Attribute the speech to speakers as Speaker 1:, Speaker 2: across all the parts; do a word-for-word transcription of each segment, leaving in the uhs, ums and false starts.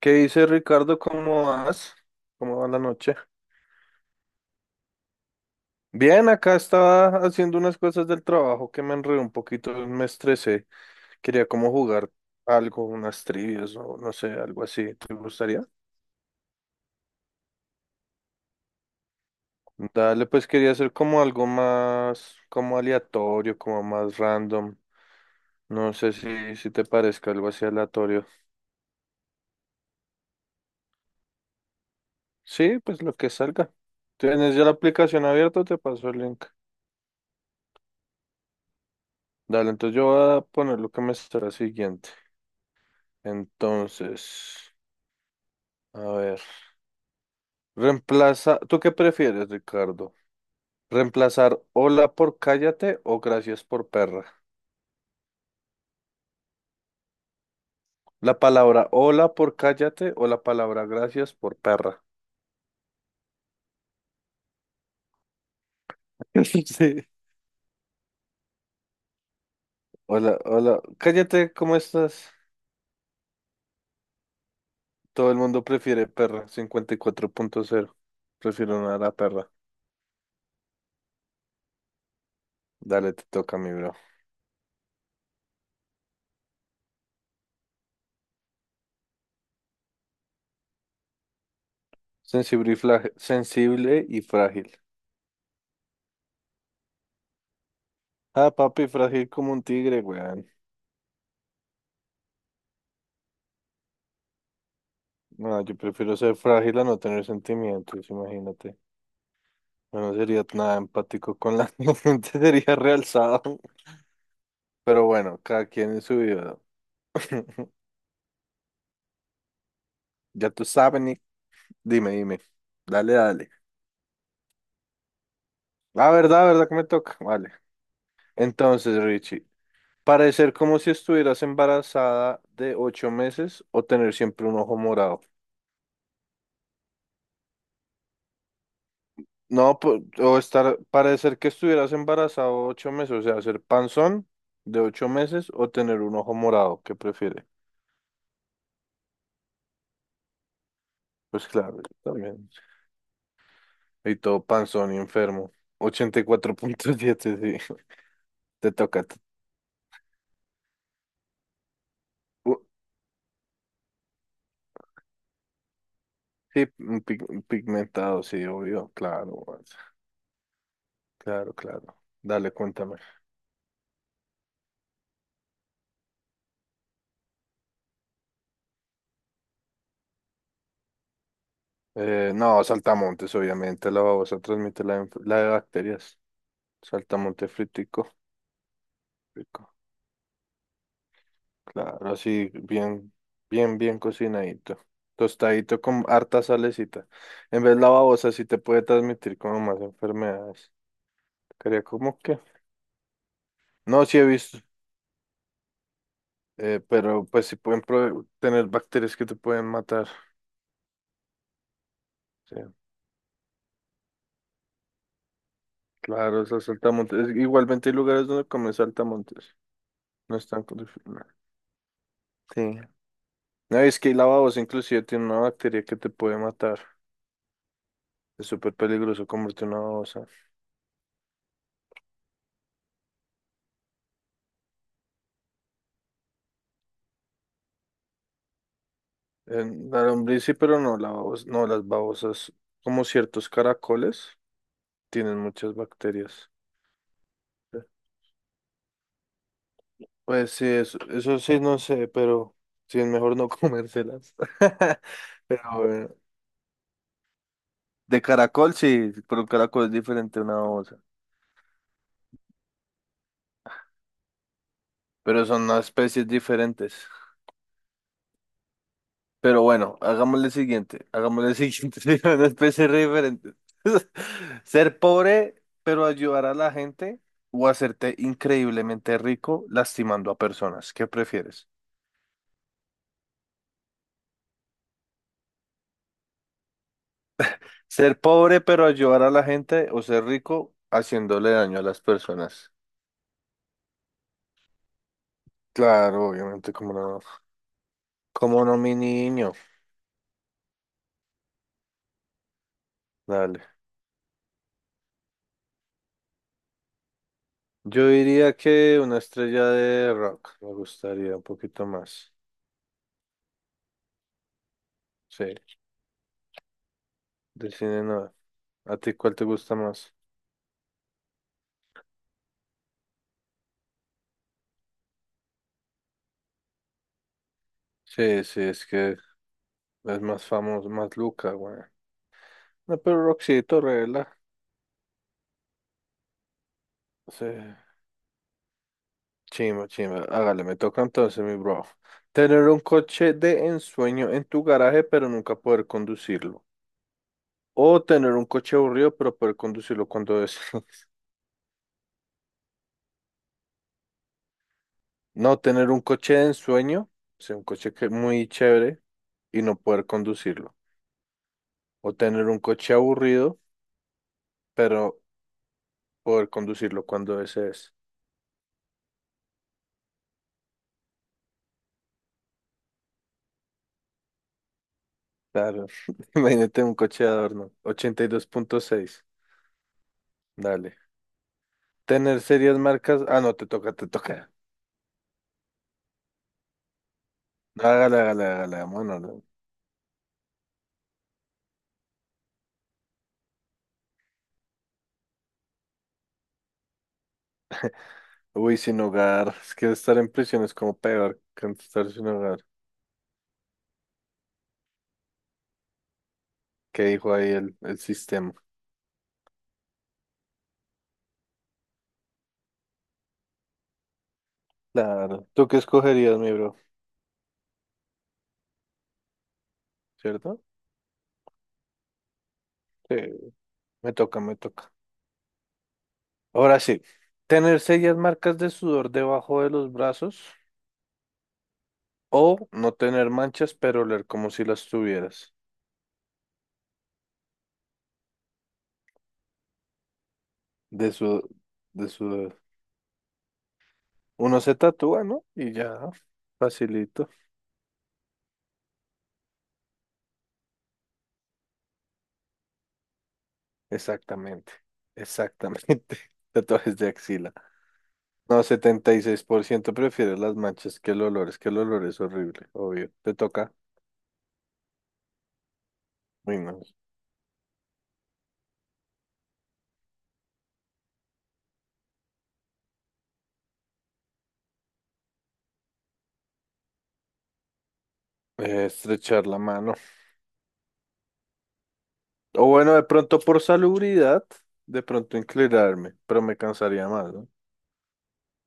Speaker 1: ¿Qué dice Ricardo? ¿Cómo vas? ¿Cómo va la noche? Bien, acá estaba haciendo unas cosas del trabajo que me enredé un poquito, me estresé. Quería como jugar algo, unas trivias o no sé, algo así. ¿Te gustaría? Dale, pues quería hacer como algo más, como aleatorio, como más random. No sé si, si te parezca algo así aleatorio. Sí, pues lo que salga. ¿Tienes ya la aplicación abierta? Te paso el link. Dale, entonces yo voy a poner lo que me estará siguiente. Entonces, a ver, reemplaza, ¿tú qué prefieres, Ricardo? ¿Reemplazar hola por cállate o gracias por perra? La palabra hola por cállate o la palabra gracias por perra. Sí. Hola, hola, cállate, ¿cómo estás? Todo el mundo prefiere perra, cincuenta y cuatro punto cero. Prefiero una a la perra. Dale, te toca, mi bro. Sensible y, fla- sensible y frágil. Ah, papi, frágil como un tigre, güey. No, yo prefiero ser frágil a no tener sentimientos, imagínate. Yo no sería nada empático con la gente, sería realzado. Pero bueno, cada quien en su vida. Ya tú sabes, Nick. Dime, dime. Dale, dale. La verdad, la verdad que me toca. Vale. Entonces, Richie, parecer como si estuvieras embarazada de ocho meses o tener siempre un ojo morado. No, po- o estar, parecer que estuvieras embarazado ocho meses, o sea, ser panzón de ocho meses o tener un ojo morado, ¿qué prefiere? Pues claro, yo también. Y todo panzón y enfermo. Ochenta y cuatro punto siete, sí. Te toca. t- u- Sí, un pig- un pigmentado, sí, obvio. Claro, weón. Claro, claro. Dale, cuéntame. Eh, no, saltamontes, obviamente. La babosa transmite la, enf- la de bacterias. Saltamonte fritico. Rico. Claro, así, bien, bien, bien cocinadito. Tostadito con harta salecita. En vez de la babosa, sí te puede transmitir como más enfermedades. Quería como que. No, sí he visto. Eh, pero pues si pueden pro- tener bacterias que te pueden matar. Sí, claro, esas saltamontes. Es- Igualmente hay lugares donde comen saltamontes. No están condicionados. Sí. No, es que la babosa inclusive tiene una bacteria que te puede matar. Es súper peligroso comerte una babosa. En la lombriz sí, pero no, la babosa, no, las babosas, como ciertos caracoles, tienen muchas bacterias. Pues sí, eso, eso sí, no sé, pero sí es mejor no comérselas. Pero bueno. De caracol, sí, pero el caracol es diferente a una babosa. Pero son unas especies diferentes. Pero bueno, hagámosle siguiente. Hagámosle siguiente. Sí, son una especie re diferente. Ser pobre, pero ayudar a la gente o hacerte increíblemente rico lastimando a personas. ¿Qué prefieres? Ser pobre, pero ayudar a la gente o ser rico haciéndole daño a las personas. Claro, obviamente, como no. Como no, mi niño. Dale. Yo diría que una estrella de rock me gustaría un poquito más. Sí, de cine no. ¿A ti cuál te gusta más? Sí, sí, es que es más famoso, más Luca, güey. No, pero Roxito, regla. Sí. Chimba, chimba. Hágale, me toca entonces, mi bro. Tener un coche de ensueño en tu garaje, pero nunca poder conducirlo. O tener un coche aburrido, pero poder conducirlo cuando desees. No, tener un coche de ensueño. O sea, un coche que muy chévere y no poder conducirlo. O tener un coche aburrido, pero poder conducirlo cuando desees. Claro, imagínate un coche de adorno. Ochenta y dos punto seis. Dale. Tener serias marcas. Ah, no, te toca, te toca. No, hágale, hágale, hágale. Bueno, uy, sin hogar. Es que estar en prisión es como peor que estar sin hogar. ¿Qué dijo ahí el, el sistema? Claro. ¿Tú qué escogerías, mi bro? ¿Cierto? Sí, me toca, me toca. Ahora sí. Tener serias marcas de sudor debajo de los brazos o no tener manchas, pero oler como si las tuvieras. De su, de su, uno se tatúa, ¿no? Y ya, facilito. Exactamente, exactamente. Tatuajes de axila. No, setenta y seis por ciento prefiere las manchas que el olor. Es que el olor es horrible, obvio. Te toca. Uy, no. Eh, estrechar la mano. O bueno, de pronto por salubridad, de pronto inclinarme, pero me cansaría más, ¿no?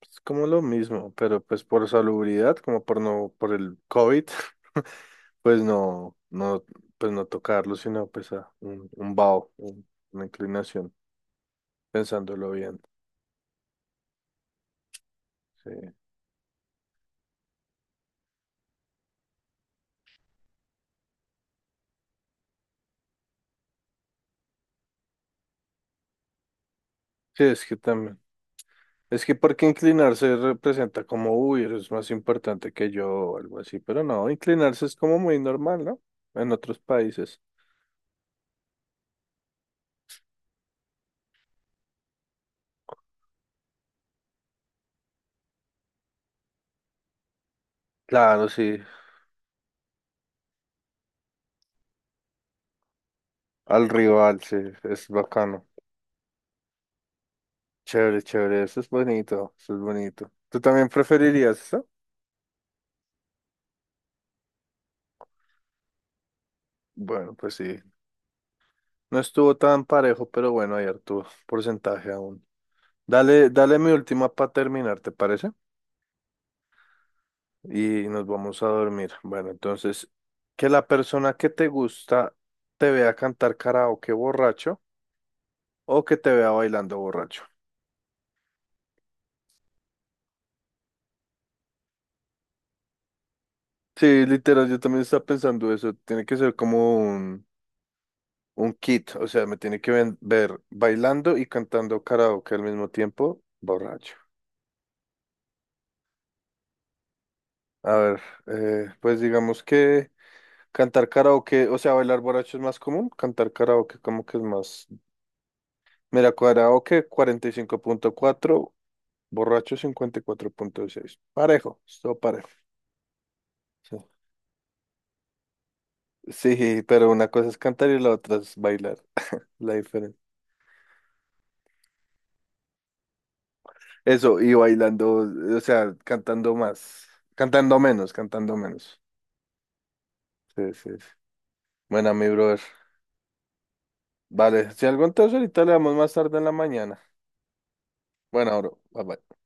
Speaker 1: Es como lo mismo, pero pues por salubridad, como por no, por el COVID. Pues no, no, pues no tocarlo, sino pues a un, un vaho, un- una inclinación, pensándolo bien. Sí. Sí, es que también. Es que porque inclinarse representa como, uy, eres más importante que yo o algo así, pero no, inclinarse es como muy normal, ¿no? En otros países. Claro, sí, al rival, sí, es bacano. Chévere, chévere, eso es bonito, eso es bonito. ¿Tú también preferirías eso? Bueno, pues sí, no estuvo tan parejo, pero bueno, hay harto porcentaje aún. Dale, dale, mi última para terminar, ¿te parece? Y nos vamos a dormir. Bueno, entonces, que la persona que te gusta te vea cantar karaoke borracho o que te vea bailando borracho. Sí, literal, yo también estaba pensando eso. Tiene que ser como un, un kit, o sea, me tiene que ven- ver bailando y cantando karaoke al mismo tiempo, borracho. A ver, eh, pues digamos que cantar karaoke, o sea, bailar borracho es más común, cantar karaoke como que es más... Mira, karaoke cuarenta y cinco punto cuatro, borracho cincuenta y cuatro punto seis. Parejo, estuvo parejo. Sí. Sí, pero una cosa es cantar y la otra es bailar. La diferencia. Eso, y bailando, o sea, cantando más. Cantando menos, cantando menos. Sí, sí, sí. Bueno, mi brother. Vale, si algo entonces ahorita le damos más tarde en la mañana. Bueno, bro, bye bye.